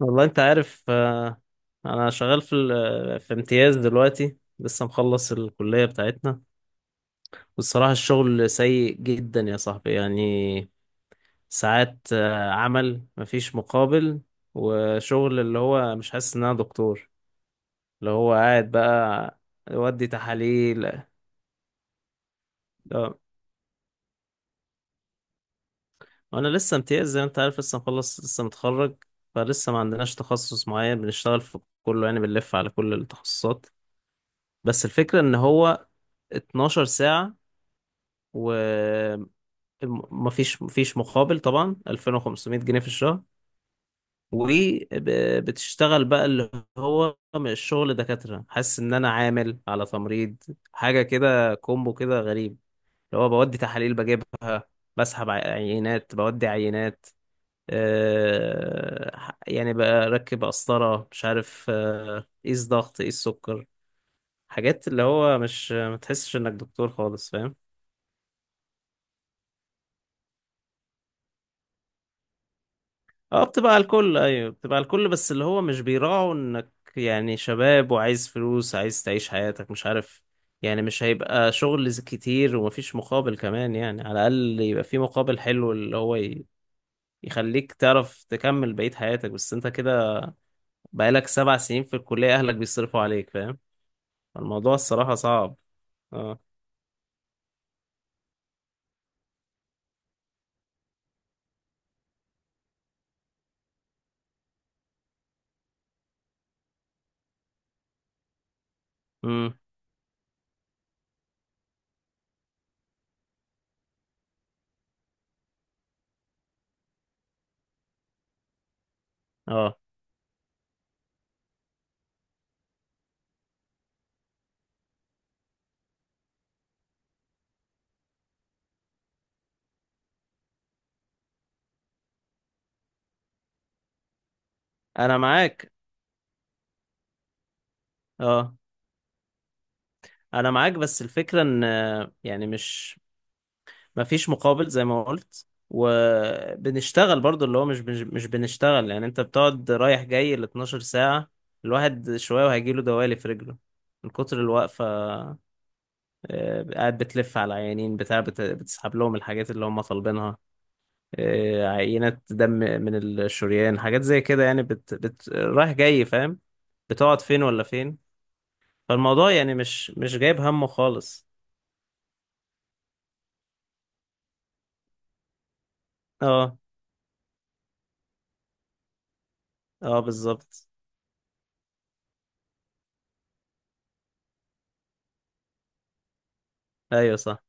والله انت عارف، انا شغال في امتياز دلوقتي، لسه مخلص الكلية بتاعتنا. والصراحة الشغل سيء جدا يا صاحبي، يعني ساعات عمل مفيش مقابل، وشغل اللي هو مش حاسس ان انا دكتور، اللي هو قاعد بقى يودي تحاليل. اه، وانا لسه امتياز زي ما انت عارف، لسه مخلص لسه متخرج، فلسه ما عندناش تخصص معين بنشتغل في كله، يعني بنلف على كل التخصصات. بس الفكرة ان هو 12 ساعة، ومفيش مفيش مقابل طبعا، 2500 جنيه في الشهر، وبتشتغل بقى اللي هو الشغل دكاترة، حاسس ان انا عامل على تمريض، حاجة كده كومبو كده غريب. اللي هو بودي تحاليل بجيبها، بسحب عينات، بودي عينات، يعني بركب قسطرة مش عارف، قيس ضغط قيس سكر، حاجات اللي هو مش ما تحسش انك دكتور خالص، فاهم. اه، بتبقى على الكل، ايوه بتبقى على الكل، بس اللي هو مش بيراعوا انك يعني شباب وعايز فلوس عايز تعيش حياتك مش عارف، يعني مش هيبقى شغل كتير ومفيش مقابل كمان، يعني على الاقل يبقى في مقابل حلو اللي هو يخليك تعرف تكمل بقية حياتك، بس انت كده بقالك 7 سنين في الكلية اهلك بيصرفوا عليك، فاهم. الموضوع الصراحة صعب. اه. امم. اه، انا معاك. اه، انا معاك، بس الفكرة ان يعني مش مفيش مقابل زي ما قلت، وبنشتغل برضو اللي هو مش بنشتغل، يعني انت بتقعد رايح جاي ال 12 ساعة، الواحد شوية وهيجيله دوالي في رجله من كتر الوقفة. قاعد بتلف على عيانين بتاع، بتسحب لهم الحاجات اللي هم طالبينها، عينات دم من الشريان، حاجات زي كده يعني، رايح جاي فاهم، بتقعد فين ولا فين. فالموضوع يعني مش جايب همه خالص. اه. اه، بالظبط. ايوه صح.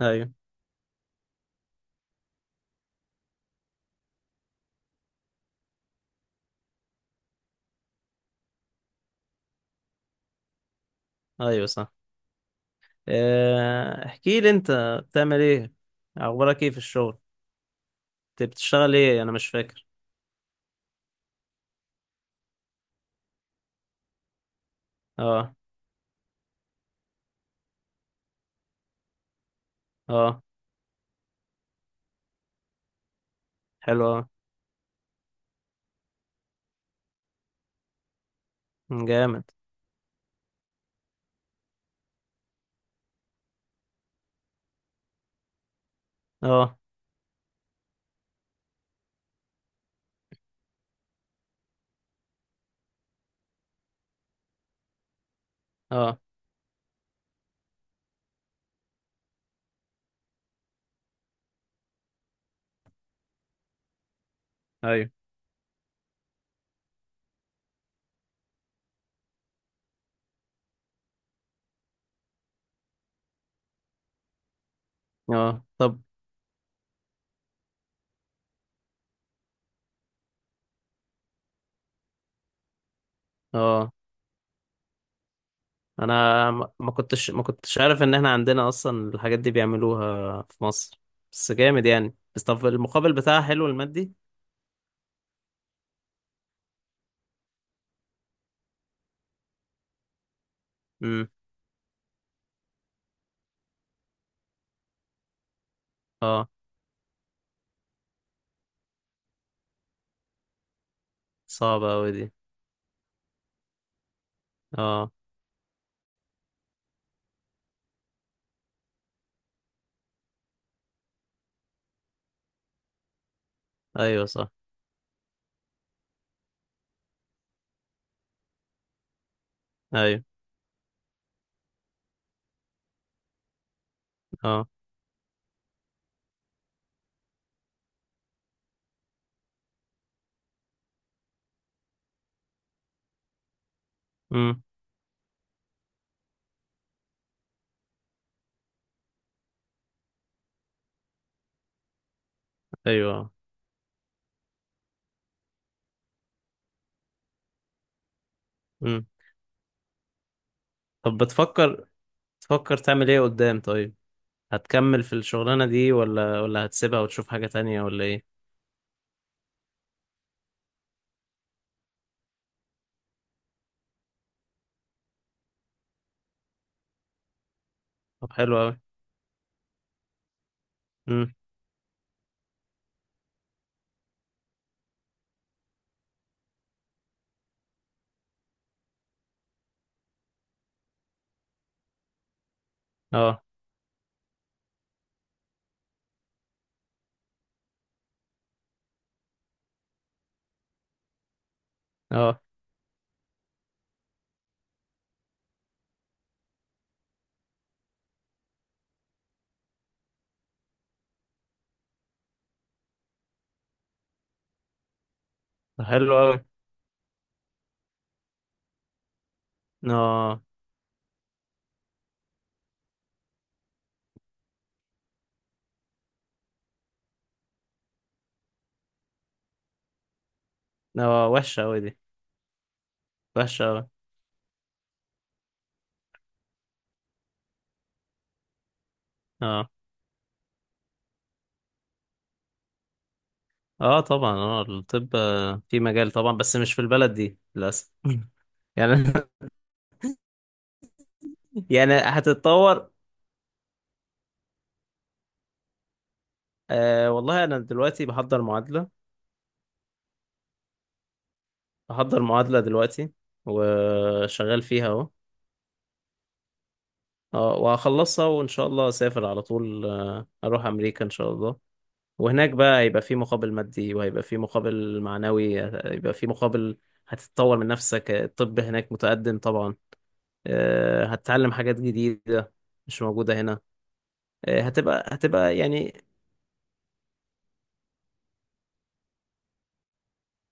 ايوه. ايوه صح. احكي لي انت، بتعمل ايه، اخبارك ايه في الشغل، انت بتشتغل ايه انا مش فاكر. اه. اه حلو. اه. مم، جامد. اه. اه. ايوه. اه. طب. اه، انا ما كنتش عارف ان احنا عندنا اصلا الحاجات دي بيعملوها في مصر، بس جامد يعني، بس طب المقابل بتاعها حلو المادي. امم. اه، صعبة اوي دي. اه. ايوه صح. ايوه. اه. امم. ايوه. امم. طب، بتفكر تعمل ايه قدام طيب، هتكمل في الشغلانة دي ولا هتسيبها وتشوف حاجة تانية ولا ايه؟ طب حلو اوي. امم. اه. اه، طب حلو اوي. اه. اه، وحشة اوي دي، وحشة اوي. اه. اه طبعا، اه الطب، في مجال طبعا، بس مش في البلد دي للأسف يعني. يعني هتتطور. والله انا دلوقتي بحضر معادلة دلوقتي وشغال فيها اهو. اه، وهخلصها وان شاء الله اسافر على طول، اروح امريكا ان شاء الله. وهناك بقى هيبقى في مقابل مادي، وهيبقى في مقابل معنوي، هيبقى في مقابل هتتطور من نفسك، الطب هناك متقدم طبعا، هتتعلم حاجات جديدة مش موجودة هنا، هتبقى يعني.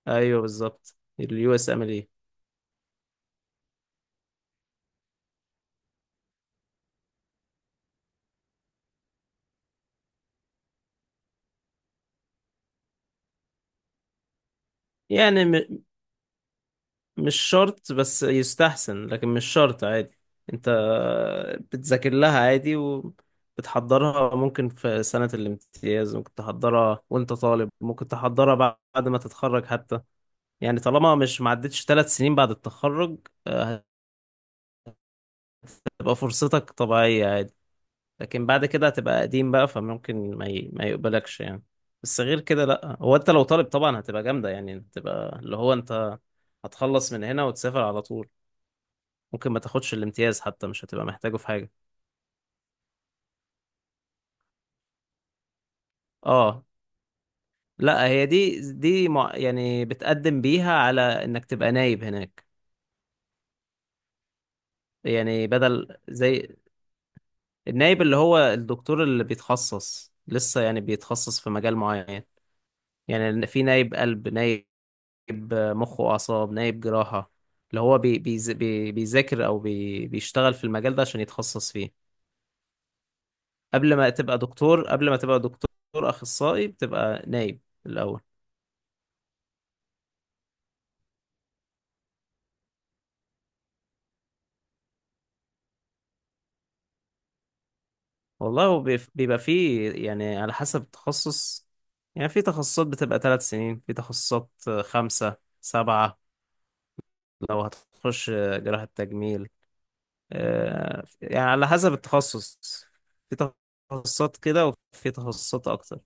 ايوه بالظبط، اليو اس ام ال. يعني مش شرط، بس يستحسن، لكن مش شرط عادي. انت بتذاكر لها عادي، وبتحضرها، ممكن في سنة الامتياز، ممكن تحضرها وانت طالب، ممكن تحضرها بعد ما تتخرج حتى، يعني طالما مش معدتش 3 سنين بعد التخرج، آه، هتبقى فرصتك طبيعية عادي. لكن بعد كده هتبقى قديم بقى، فممكن ما يقبلكش يعني. بس غير كده لأ، هو انت لو طالب طبعا هتبقى جامدة، يعني هتبقى اللي هو انت هتخلص من هنا وتسافر على طول، ممكن ما تاخدش الامتياز حتى مش هتبقى محتاجه في حاجة. اه لا، هي دي، يعني بتقدم بيها على انك تبقى نايب هناك. يعني بدل زي النايب اللي هو الدكتور اللي بيتخصص، لسه يعني بيتخصص في مجال معين، يعني في نايب قلب، نايب مخ وأعصاب، نايب جراحة، اللي هو بي بيز- بي بيذاكر أو بيشتغل في المجال ده عشان يتخصص فيه. قبل ما تبقى دكتور أخصائي، بتبقى نايب الأول. والله هو بيبقى فيه، يعني على حسب التخصص، يعني في تخصصات بتبقى 3 سنين، في تخصصات 5 7، لو هتخش جراحة تجميل، يعني على حسب التخصص، في تخصصات كده وفي تخصصات اكتر.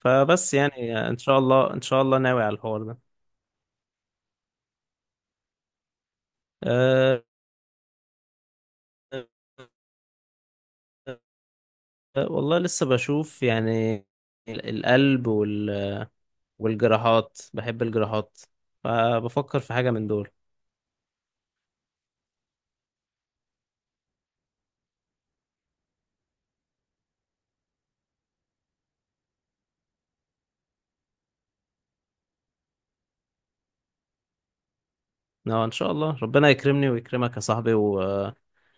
فبس يعني، ان شاء الله ان شاء الله ناوي على الحوار ده. أه. والله لسه بشوف يعني، القلب والجراحات، بحب الجراحات، فبفكر في حاجة من دول. اه، ان شاء الله ربنا يكرمني ويكرمك يا صاحبي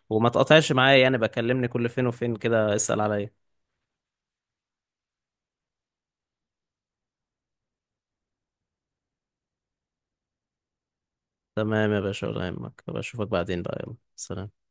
وما تقطعش معايا يعني، بكلمني كل فين وفين كده اسأل عليا. تمام يا باشا، ولا يهمك، بشوفك بعدين بقى، يلا سلام.